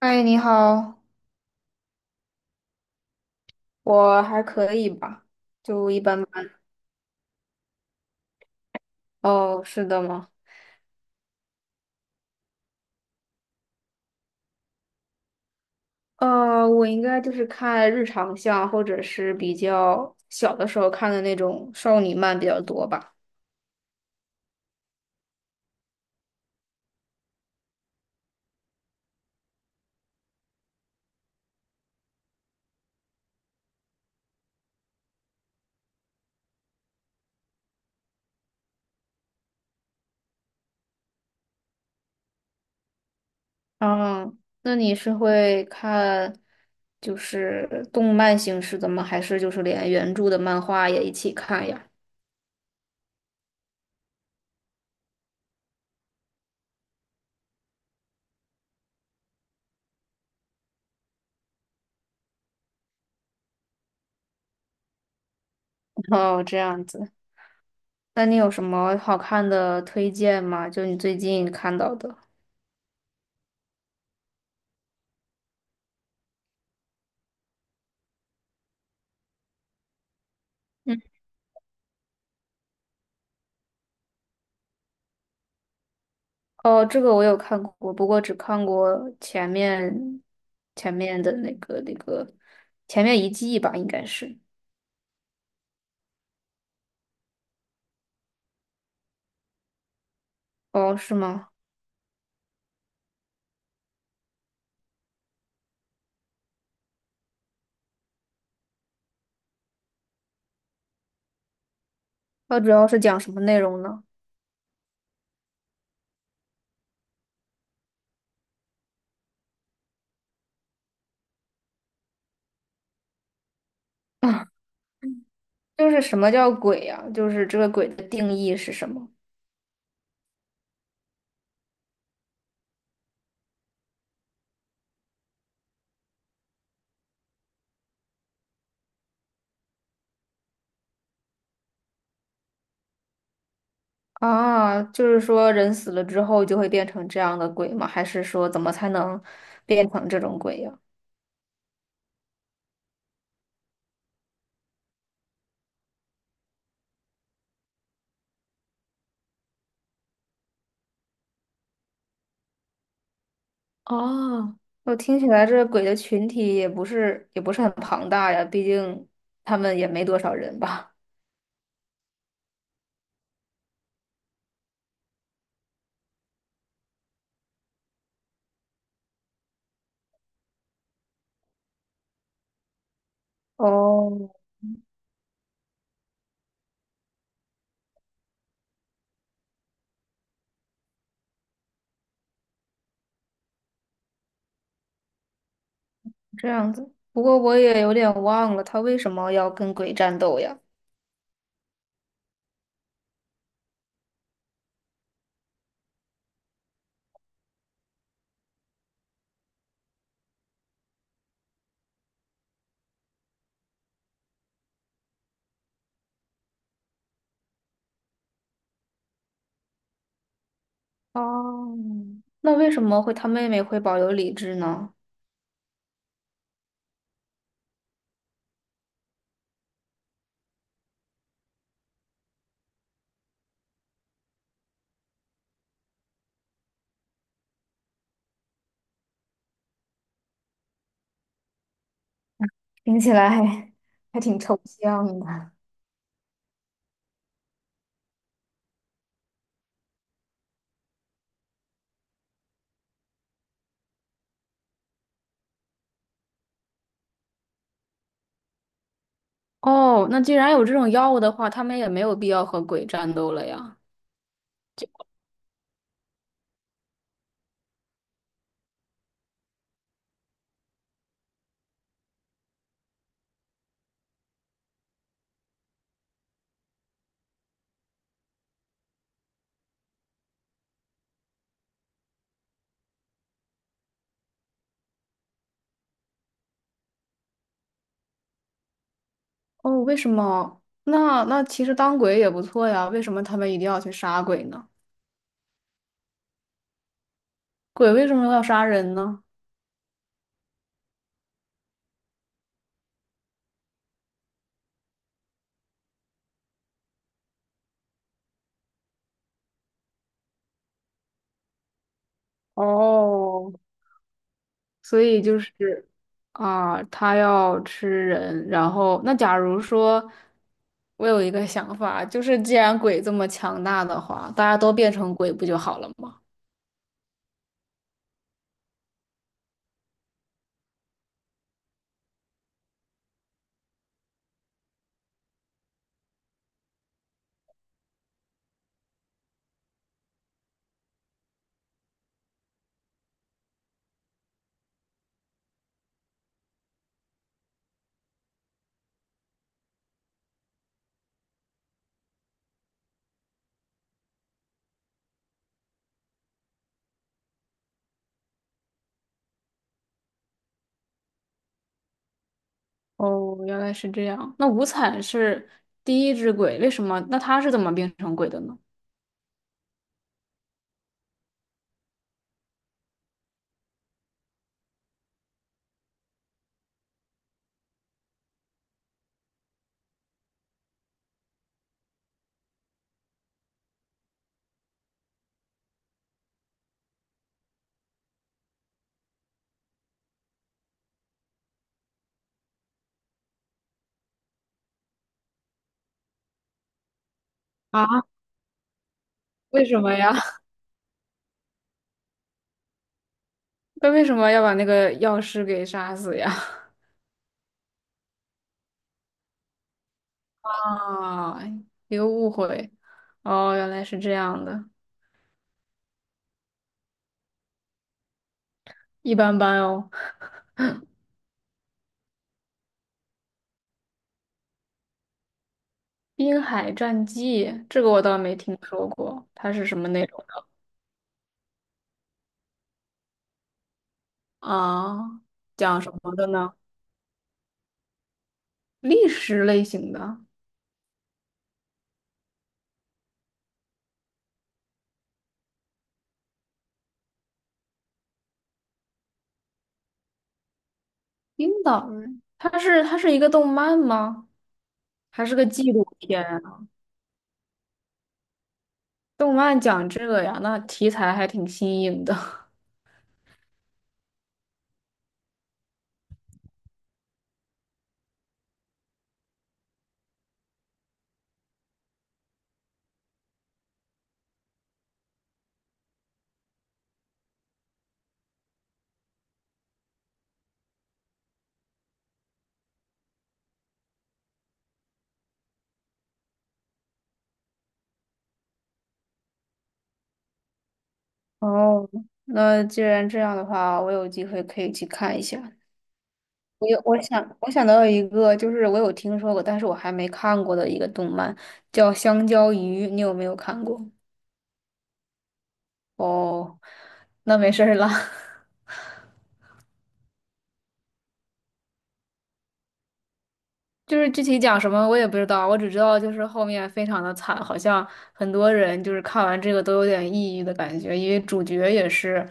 嗨，你好。我还可以吧，就一般般。哦，是的吗？我应该就是看日常向，或者是比较小的时候看的那种少女漫比较多吧。嗯，那你是会看就是动漫形式的吗？还是就是连原著的漫画也一起看呀？哦，这样子。那你有什么好看的推荐吗？就你最近看到的。嗯。哦，这个我有看过，不过只看过前面前面的那个那个前面一季吧，应该是。哦，是吗？它主要是讲什么内容呢？就是什么叫鬼呀、就是这个鬼的定义是什么啊？就是说人死了之后就会变成这样的鬼吗？还是说怎么才能变成这种鬼呀、哦，我听起来这个鬼的群体也不是很庞大呀，毕竟他们也没多少人吧。哦，这样子。不过我也有点忘了，他为什么要跟鬼战斗呀？哦，那为什么会他妹妹会保有理智呢？听起来还挺抽象的。哦，那既然有这种药物的话，他们也没有必要和鬼战斗了呀。哦，为什么？那其实当鬼也不错呀，为什么他们一定要去杀鬼呢？鬼为什么要杀人呢？哦，所以就是啊，他要吃人。然后，那假如说，我有一个想法，就是既然鬼这么强大的话，大家都变成鬼不就好了吗？哦，原来是这样。那无惨是第一只鬼，为什么？那他是怎么变成鬼的呢？啊，为什么呀？他为什么要把那个药师给杀死呀？啊，一个误会。哦，原来是这样的，一般般哦。《滨海战记》这个我倒没听说过，它是什么内容的啊？讲什么的呢？历史类型的冰岛人，它是一个动漫吗？还是个纪录片啊？动漫讲这个呀，那题材还挺新颖的。哦，那既然这样的话，我有机会可以去看一下。我有，我想到一个，就是我有听说过，但是我还没看过的一个动漫，叫《香蕉鱼》，你有没有看过？哦，那没事儿了。就是具体讲什么我也不知道，我只知道就是后面非常的惨，好像很多人就是看完这个都有点抑郁的感觉，因为主角也是，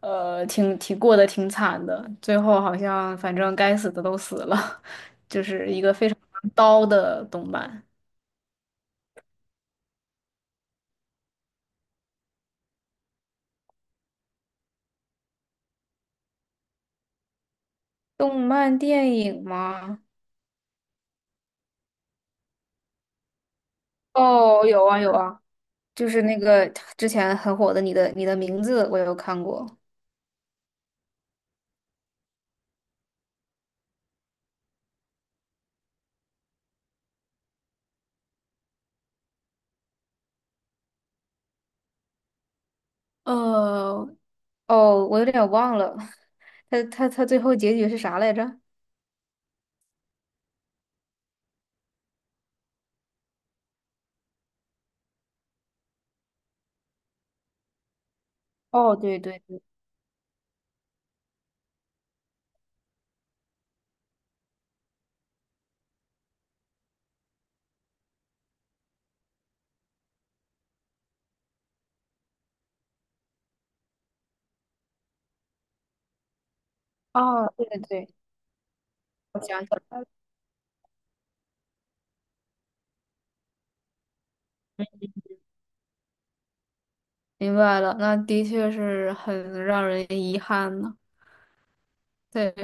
挺过得挺惨的，最后好像反正该死的都死了，就是一个非常刀的动漫。动漫电影吗？哦，有啊有啊，就是那个之前很火的你的名字》，我有看过。呃，哦，我有点忘了。他最后结局是啥来着？哦，对对对，哦，对对对，我想起来了，明白了，那的确是很让人遗憾呢。对，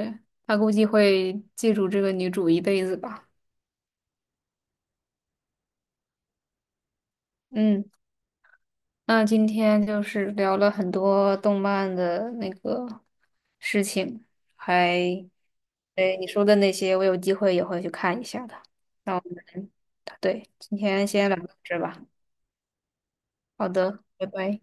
他估计会记住这个女主一辈子吧。嗯，那今天就是聊了很多动漫的那个事情，还，对，你说的那些，我有机会也会去看一下的。那我们，对，今天先聊到这吧。好的，拜拜。